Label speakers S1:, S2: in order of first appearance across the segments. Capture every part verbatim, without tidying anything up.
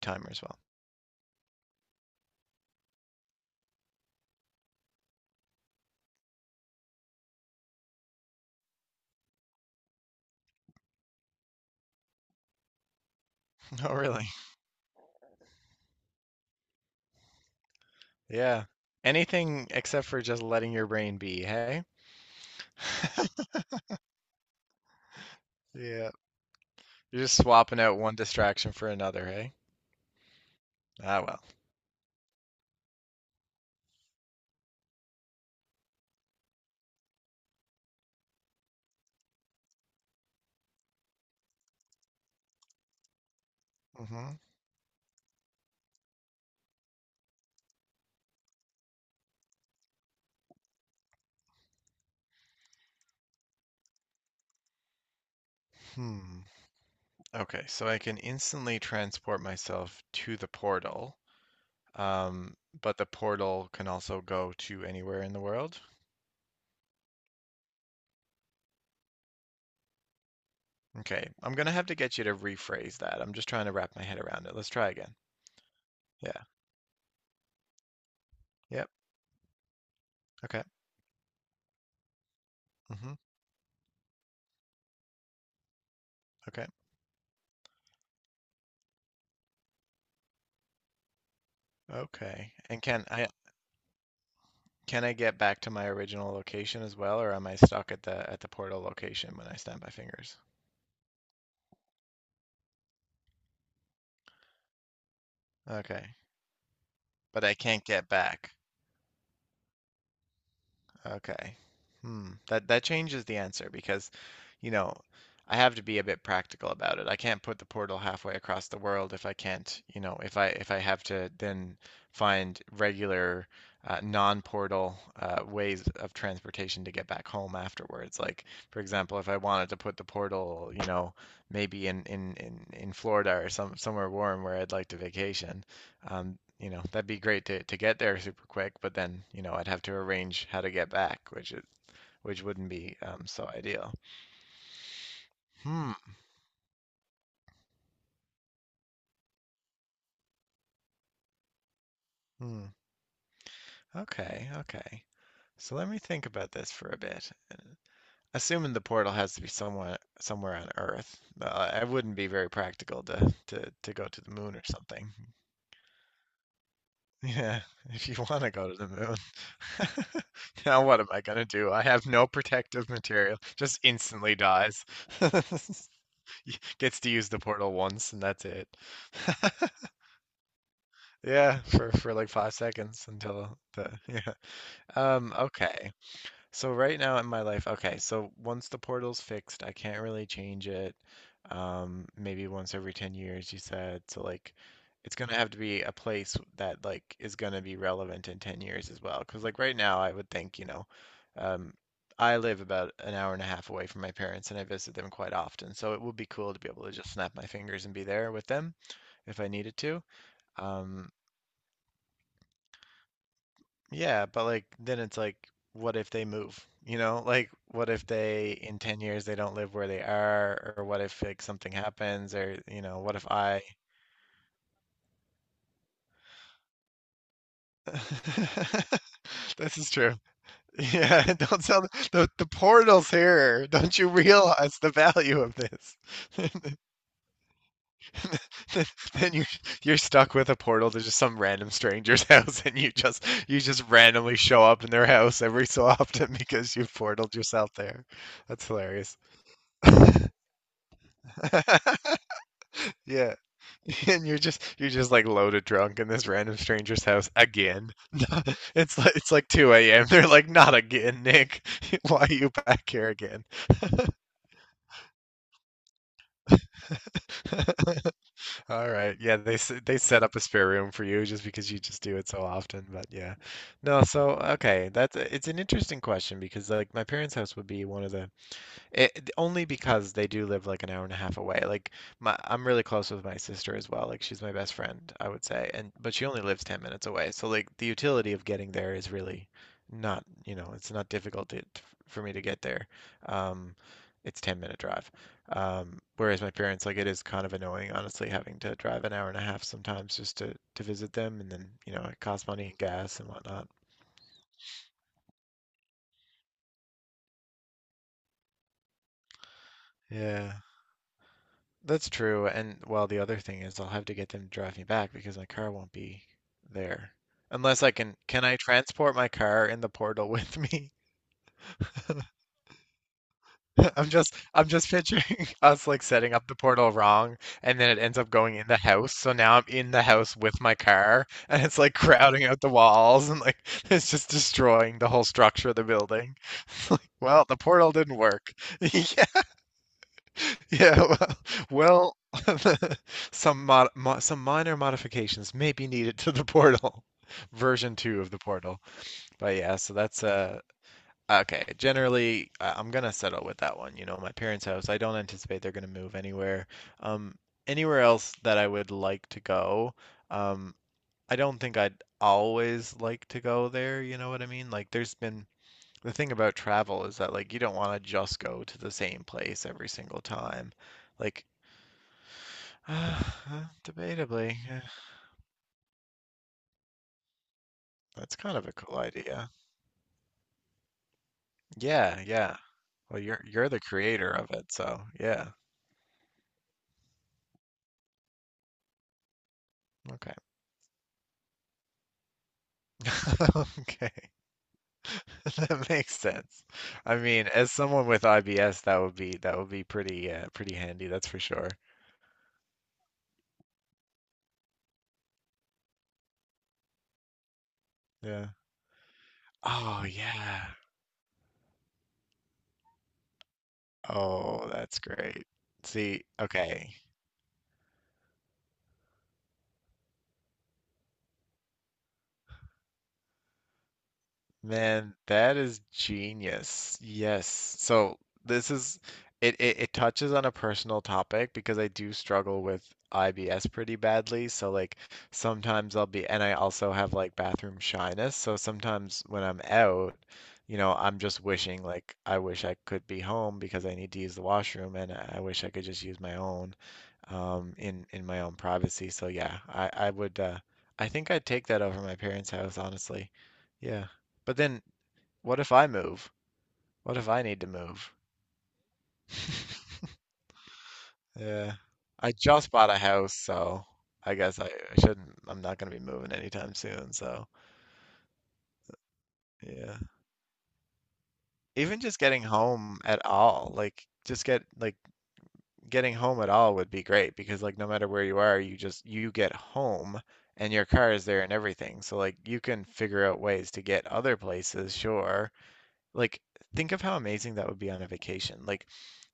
S1: Timer as well. Oh, really? Yeah. Anything except for just letting your brain be, hey? Yeah. You're just swapping out one distraction for another, hey? Ah, well. Mm-hmm. Hmm. Okay, so I can instantly transport myself to the portal. Um, but the portal can also go to anywhere in the world. Okay, I'm gonna have to get you to rephrase that. I'm just trying to wrap my head around it. Let's try again. Yeah. Yep. Okay. Mm-hmm. Okay. Okay. And can I can I get back to my original location as well, or am I stuck at the at the portal location when I snap my fingers? Okay. But I can't get back. Okay. Hmm. That that changes the answer because, you know, I have to be a bit practical about it. I can't put the portal halfway across the world if I can't, you know, if I if I have to then find regular uh, non-portal uh, ways of transportation to get back home afterwards. Like, for example, if I wanted to put the portal, you know, maybe in in in, in Florida or some somewhere warm where I'd like to vacation, um, you know, that'd be great to, to get there super quick, but then, you know, I'd have to arrange how to get back, which is which wouldn't be um, so ideal. Hmm. Hmm. Okay, okay. So let me think about this for a bit. Assuming the portal has to be somewhere somewhere on Earth, uh, it wouldn't be very practical to, to to go to the moon or something. Yeah, if you want to go to the moon. Now what am I gonna do? I have no protective material. Just instantly dies. Gets to use the portal once and that's it. Yeah, for for like five seconds until the yeah. Um, okay. So right now in my life, okay, so once the portal's fixed, I can't really change it. Um, maybe once every ten years, you said. So like it's gonna have to be a place that like is gonna be relevant in ten years as well. Because like right now I would think, you know, um I live about an hour and a half away from my parents and I visit them quite often. So it would be cool to be able to just snap my fingers and be there with them if I needed to. Um, yeah, but like then it's like what if they move? You know, like what if they in ten years they don't live where they are or what if like something happens or you know, what if I this is true. Yeah, don't sell the, the the portal's here. Don't you realize the value of this? Then then you're you're stuck with a portal to just some random stranger's house and you just you just randomly show up in their house every so often because you portaled yourself there. That's hilarious. Yeah. And you're just you're just like loaded drunk in this random stranger's house again. It's like it's like two a m. They're like, not again, Nick. Why are you back here again? All right. Yeah, they s- they set up a spare room for you just because you just do it so often, but yeah. No, so okay, that's it's an interesting question because like my parents' house would be one of the it only because they do live like an hour and a half away. Like my, I'm really close with my sister as well. Like she's my best friend, I would say. And but she only lives ten minutes away. So like the utility of getting there is really not, you know, it's not difficult to, for me to get there. Um, it's ten minute drive. Um, whereas my parents, like it is kind of annoying, honestly, having to drive an hour and a half sometimes just to to visit them, and then, you know, it costs money, gas and whatnot. Yeah. That's true. And well, the other thing is I'll have to get them to drive me back because my car won't be there. Unless I can, can I transport my car in the portal with me? I'm just, I'm just picturing us like setting up the portal wrong, and then it ends up going in the house. So now I'm in the house with my car, and it's like crowding out the walls, and like it's just destroying the whole structure of the building. It's like, well, the portal didn't work. Yeah. Yeah, well, well, some mod, mo some minor modifications may be needed to the portal, version two of the portal. But yeah, so that's uh okay. Generally, I- I'm gonna settle with that one. You know, my parents' house. I don't anticipate they're gonna move anywhere. Um, Anywhere else that I would like to go. Um, I don't think I'd always like to go there. You know what I mean? Like, there's been the thing about travel is that like you don't want to just go to the same place every single time like Uh, uh, debatably, eh, that's kind of a cool idea. Yeah, yeah. Well, you're you're the creator of it, so yeah. Okay. Okay. That makes sense. I mean, as someone with I B S, that would be that would be pretty uh, pretty handy, that's for sure. Yeah. Oh yeah. Oh, that's great. See, okay. Man, that is genius. Yes. So this is it, it it touches on a personal topic because I do struggle with I B S pretty badly. So like sometimes I'll be and I also have like bathroom shyness. So sometimes when I'm out, you know, I'm just wishing like I wish I could be home because I need to use the washroom and I I wish I could just use my own um in in my own privacy. So yeah, I I would uh I think I'd take that over my parents' house, honestly. Yeah. But then what if I move? What if I need to move? Yeah. I just bought a house, so I guess I, I shouldn't, I'm not going to be moving anytime soon, so yeah. Even just getting home at all, like just get like getting home at all would be great because like no matter where you are, you just you get home and your car is there and everything. So like you can figure out ways to get other places, sure, like, think of how amazing that would be on a vacation. Like,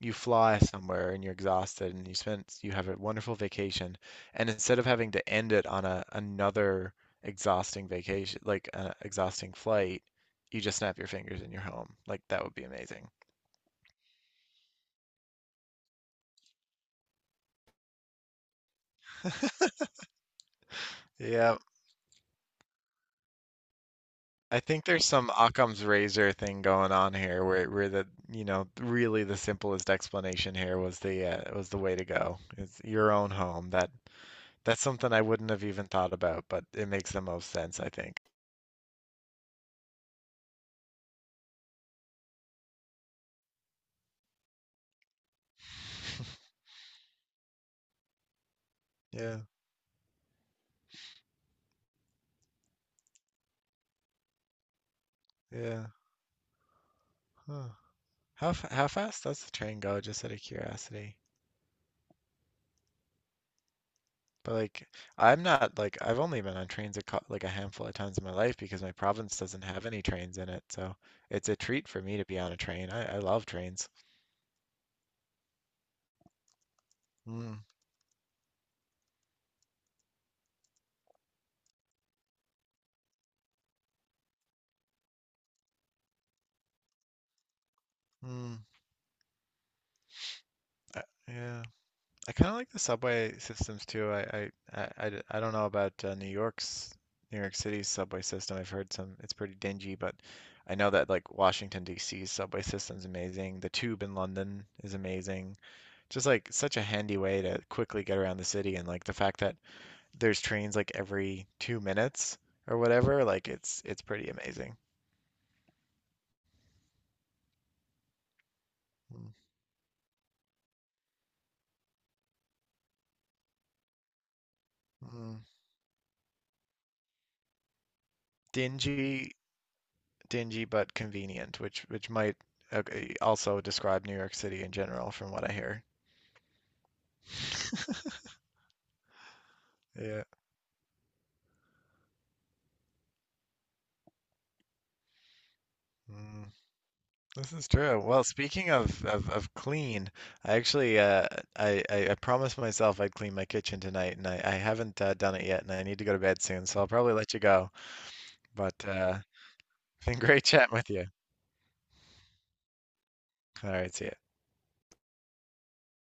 S1: you fly somewhere and you're exhausted and you spend you have a wonderful vacation and instead of having to end it on a another exhausting vacation like an exhausting flight, you just snap your fingers and you're home. Like that would be amazing. Yeah, I think there's some Occam's razor thing going on here where where the you know really the simplest explanation here was the uh, was the way to go. It's your own home. that That's something I wouldn't have even thought about, but it makes the most sense, I think. Yeah, yeah. Huh. How f how fast does the train go, just out of curiosity? But like, I'm not like I've only been on trains a cou- like a handful of times in my life because my province doesn't have any trains in it, so it's a treat for me to be on a train. I, I love trains. Mm, mm, uh, yeah. I kind of like the subway systems too. I, I, I, I d- I don't know about uh, New York's New York City's subway system. I've heard some it's pretty dingy, but I know that like Washington D C's subway system's amazing. The tube in London is amazing. Just like such a handy way to quickly get around the city and like the fact that there's trains like every two minutes or whatever, like it's it's pretty amazing. Mm, mm. Dingy Dingy but convenient, which which might uh, also describe New York City in general, from what I hear. Yeah, mm, this is true. Well, speaking of, of, of clean, I actually uh, I, I I promised myself I'd clean my kitchen tonight, and I, I haven't uh, done it yet, and I need to go to bed soon, so I'll probably let you go. But uh, it's been great chatting with you. All right, see ya.